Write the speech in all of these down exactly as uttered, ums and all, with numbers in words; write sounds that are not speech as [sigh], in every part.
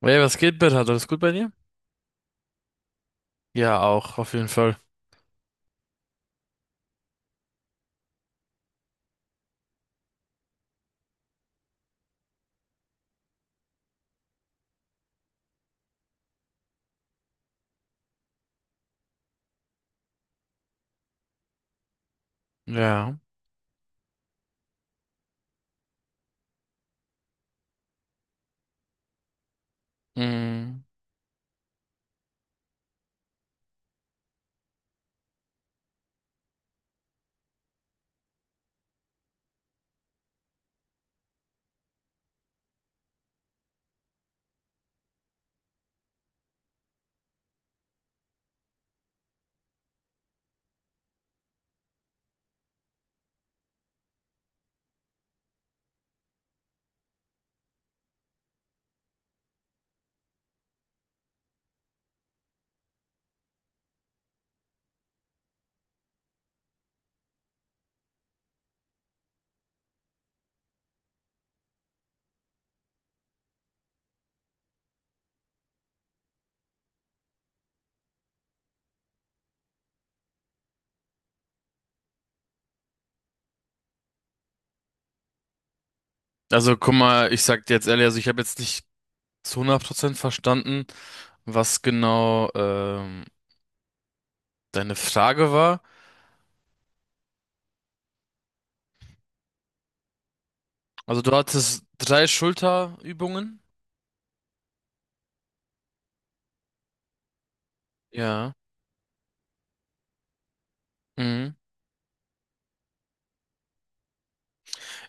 Hey, was geht, Bert? Alles gut bei dir? Ja, auch, auf jeden Fall. Ja. Mm. Also, guck mal, ich sag dir jetzt ehrlich, also ich habe jetzt nicht zu hundert Prozent verstanden, was genau ähm, deine Frage war. Also, du hattest drei Schulterübungen. Ja. Mhm.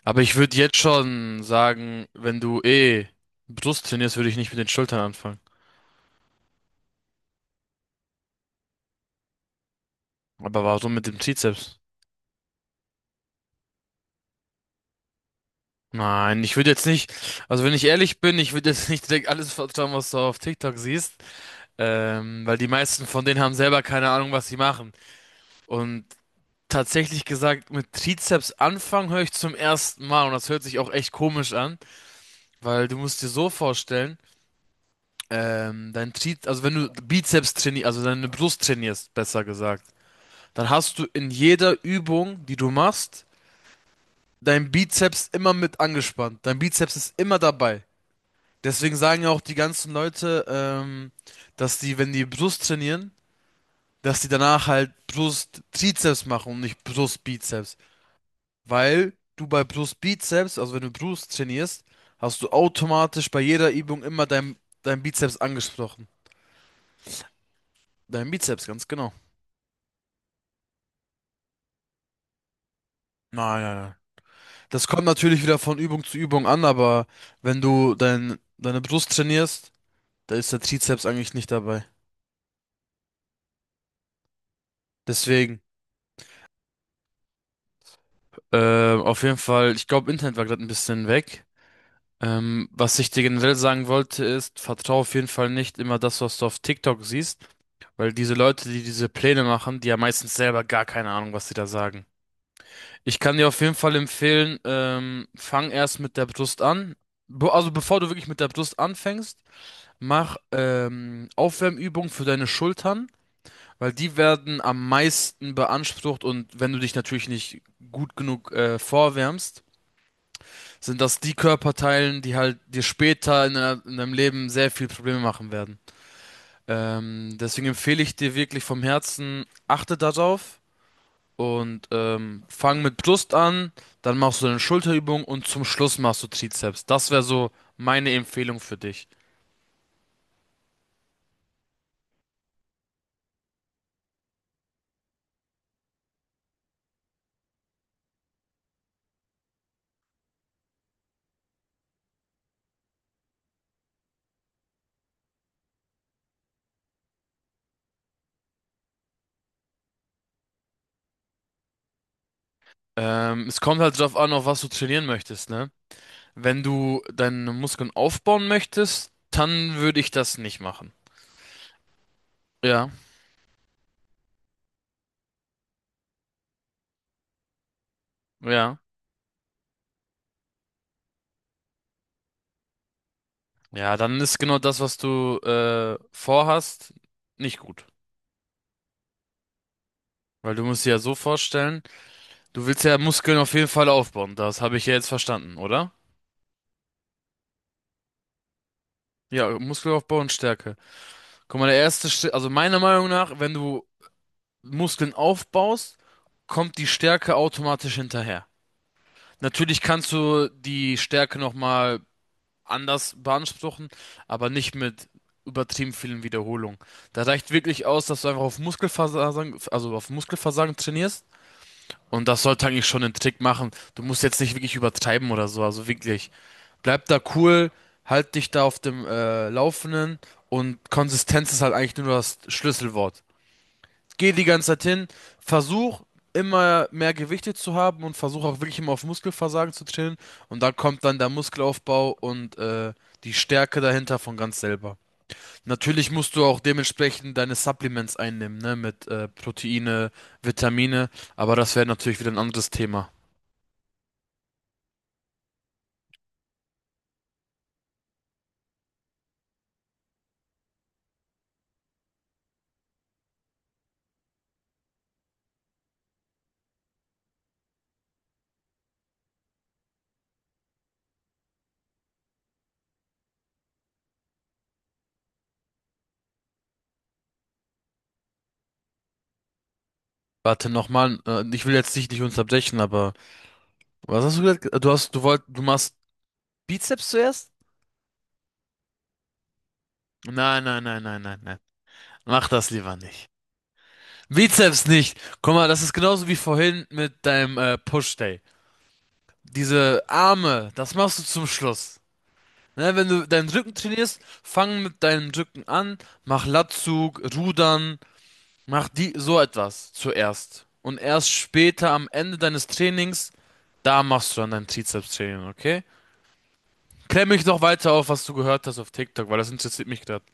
Aber ich würde jetzt schon sagen, wenn du eh Brust trainierst, würde ich nicht mit den Schultern anfangen. Aber warum mit dem Trizeps? Nein, ich würde jetzt nicht, also wenn ich ehrlich bin, ich würde jetzt nicht direkt alles vertrauen, was du auf TikTok siehst. Ähm, weil die meisten von denen haben selber keine Ahnung, was sie machen. Und tatsächlich gesagt, mit Trizeps anfangen höre ich zum ersten Mal und das hört sich auch echt komisch an, weil du musst dir so vorstellen, ähm, dein Tri, also wenn du Bizeps trainierst, also deine Brust trainierst, besser gesagt, dann hast du in jeder Übung, die du machst, dein Bizeps immer mit angespannt. Dein Bizeps ist immer dabei. Deswegen sagen ja auch die ganzen Leute, ähm, dass die, wenn die Brust trainieren, dass die danach halt Brust Trizeps machen und nicht Brust Bizeps. Weil du bei Brust Bizeps, also wenn du Brust trainierst, hast du automatisch bei jeder Übung immer dein, dein Bizeps angesprochen. Dein Bizeps, ganz genau. Nein, nein, nein. Das kommt natürlich wieder von Übung zu Übung an, aber wenn du dein, deine Brust trainierst, da ist der Trizeps eigentlich nicht dabei. Deswegen, äh, auf jeden Fall, ich glaube, Internet war gerade ein bisschen weg. Ähm, was ich dir generell sagen wollte, ist, vertraue auf jeden Fall nicht immer das, was du auf TikTok siehst, weil diese Leute, die diese Pläne machen, die haben meistens selber gar keine Ahnung, was sie da sagen. Ich kann dir auf jeden Fall empfehlen, ähm, fang erst mit der Brust an. Be also bevor du wirklich mit der Brust anfängst, mach ähm, Aufwärmübungen für deine Schultern, weil die werden am meisten beansprucht und wenn du dich natürlich nicht gut genug äh, vorwärmst, sind das die Körperteilen, die halt dir später in, deiner- in deinem Leben sehr viel Probleme machen werden. Ähm, deswegen empfehle ich dir wirklich vom Herzen, achte darauf und ähm, fang mit Brust an, dann machst du eine Schulterübung und zum Schluss machst du Trizeps. Das wäre so meine Empfehlung für dich. Ähm, es kommt halt drauf an, auf was du trainieren möchtest, ne? Wenn du deine Muskeln aufbauen möchtest, dann würde ich das nicht machen. Ja, ja. Ja, dann ist genau das, was du äh, vorhast, nicht gut. Weil du musst dir ja so vorstellen, du willst ja Muskeln auf jeden Fall aufbauen. Das habe ich ja jetzt verstanden, oder? Ja, Muskelaufbau und Stärke. Guck mal, der erste Schritt, also meiner Meinung nach, wenn du Muskeln aufbaust, kommt die Stärke automatisch hinterher. Natürlich kannst du die Stärke nochmal anders beanspruchen, aber nicht mit übertrieben vielen Wiederholungen. Da reicht wirklich aus, dass du einfach auf Muskelversagen, also auf Muskelversagen trainierst. Und das sollte eigentlich schon den Trick machen. Du musst jetzt nicht wirklich übertreiben oder so. Also wirklich, bleib da cool, halt dich da auf dem äh, Laufenden und Konsistenz ist halt eigentlich nur das Schlüsselwort. Geh die ganze Zeit hin, versuch immer mehr Gewichte zu haben und versuch auch wirklich immer auf Muskelversagen zu trainieren. Und da kommt dann der Muskelaufbau und äh, die Stärke dahinter von ganz selber. Natürlich musst du auch dementsprechend deine Supplements einnehmen, ne, mit äh, Proteine, Vitamine, aber das wäre natürlich wieder ein anderes Thema. Warte nochmal, äh, ich will jetzt dich nicht unterbrechen, aber was hast du gesagt? Du hast, du wollt, du machst Bizeps zuerst? Nein, nein, nein, nein, nein, nein. Mach das lieber nicht. Bizeps nicht. Guck mal, das ist genauso wie vorhin mit deinem äh, Push-Day. Diese Arme, das machst du zum Schluss. Ne, wenn du deinen Rücken trainierst, fang mit deinem Rücken an, mach Latzug, Rudern, mach die so etwas zuerst. Und erst später am Ende deines Trainings, da machst du dann dein Trizeps-Training, okay? Klär mich doch weiter auf, was du gehört hast auf TikTok, weil das interessiert mich gerade.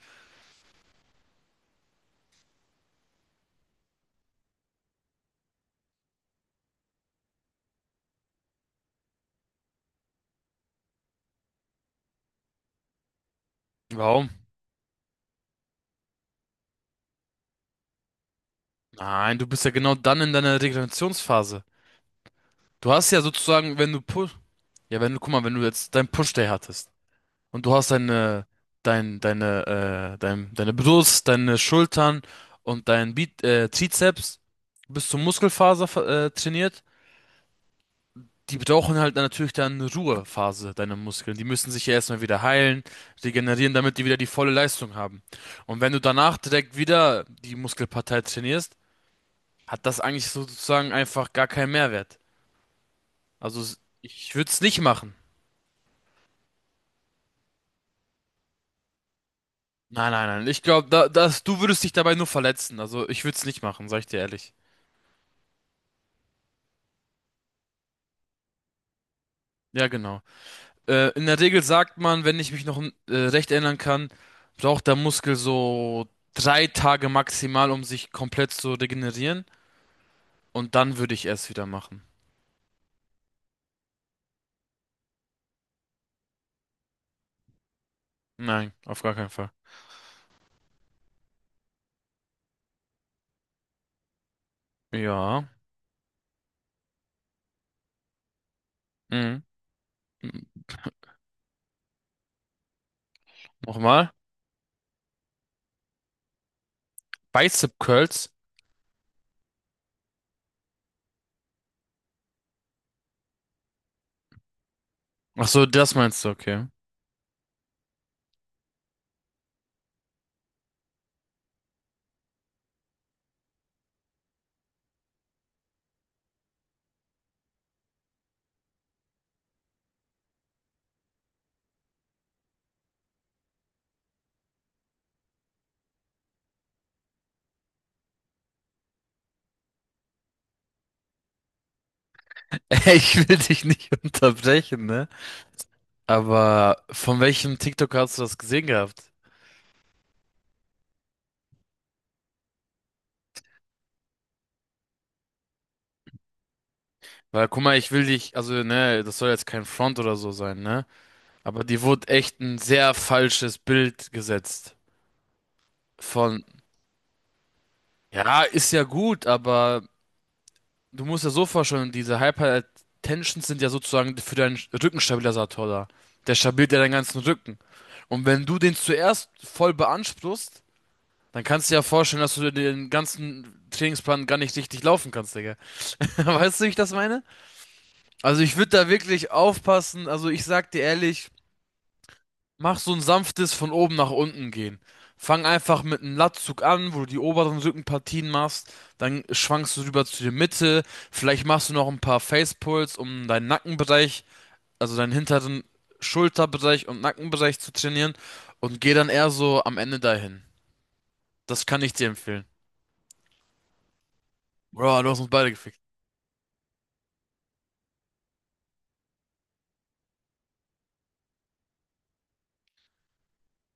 Warum? Nein, du bist ja genau dann in deiner Regenerationsphase. Du hast ja sozusagen, wenn du Push, ja, wenn du, guck mal, wenn du jetzt dein Push-Day hattest und du hast deine, dein, deine, äh, dein, deine Brust, deine Schultern und dein Bi äh, Trizeps bis zur Muskelfaser äh, trainiert. Die brauchen halt natürlich dann eine Ruhephase, deine Muskeln. Die müssen sich ja erstmal wieder heilen, regenerieren, damit die wieder die volle Leistung haben. Und wenn du danach direkt wieder die Muskelpartei trainierst, hat das eigentlich sozusagen einfach gar keinen Mehrwert. Also s- ich würde es nicht machen. Nein, nein, nein. Ich glaube, da, das, du würdest dich dabei nur verletzen. Also ich würde es nicht machen, sag ich dir ehrlich. Ja, genau. Äh, in der Regel sagt man, wenn ich mich noch äh, recht erinnern kann, braucht der Muskel so drei Tage maximal, um sich komplett zu regenerieren. Und dann würde ich es wieder machen. Nein, auf gar keinen Fall. Ja. Mhm. Nochmal. Bicep Curls. Ach so, das meinst du, okay. [laughs] Ich will dich nicht unterbrechen, ne? Aber von welchem TikTok hast du das gesehen gehabt? Weil, guck mal, ich will dich, also, ne, das soll jetzt kein Front oder so sein, ne? Aber dir wurde echt ein sehr falsches Bild gesetzt. Von, ja, ist ja gut, aber du musst ja so vorstellen, diese Hypertensions sind ja sozusagen für deinen Rückenstabilisator da. Der stabilisiert ja deinen ganzen Rücken. Und wenn du den zuerst voll beanspruchst, dann kannst du dir ja vorstellen, dass du den ganzen Trainingsplan gar nicht richtig laufen kannst, Digga. [laughs] Weißt du, wie ich das meine? Also ich würde da wirklich aufpassen. Also ich sag dir ehrlich, mach so ein sanftes von oben nach unten gehen. Fang einfach mit einem Latzug an, wo du die oberen Rückenpartien machst, dann schwankst du rüber zu der Mitte, vielleicht machst du noch ein paar Facepulls, um deinen Nackenbereich, also deinen hinteren Schulterbereich und Nackenbereich zu trainieren und geh dann eher so am Ende dahin. Das kann ich dir empfehlen. Bro, du hast uns beide gefickt.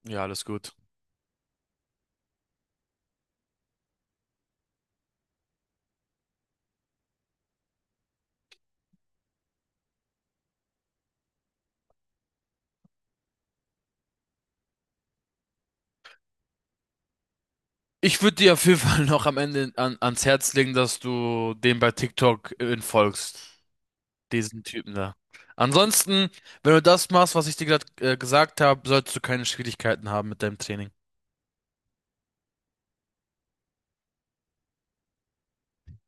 Ja, alles gut. Ich würde dir auf jeden Fall noch am Ende an, ans Herz legen, dass du dem bei TikTok äh, folgst. Diesen Typen da. Ansonsten, wenn du das machst, was ich dir gerade äh, gesagt habe, solltest du keine Schwierigkeiten haben mit deinem Training.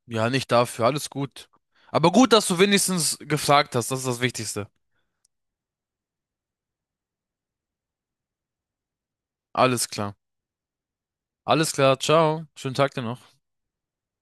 Ja, nicht dafür, alles gut. Aber gut, dass du wenigstens gefragt hast, das ist das Wichtigste. Alles klar. Alles klar, ciao. Schönen Tag dir noch.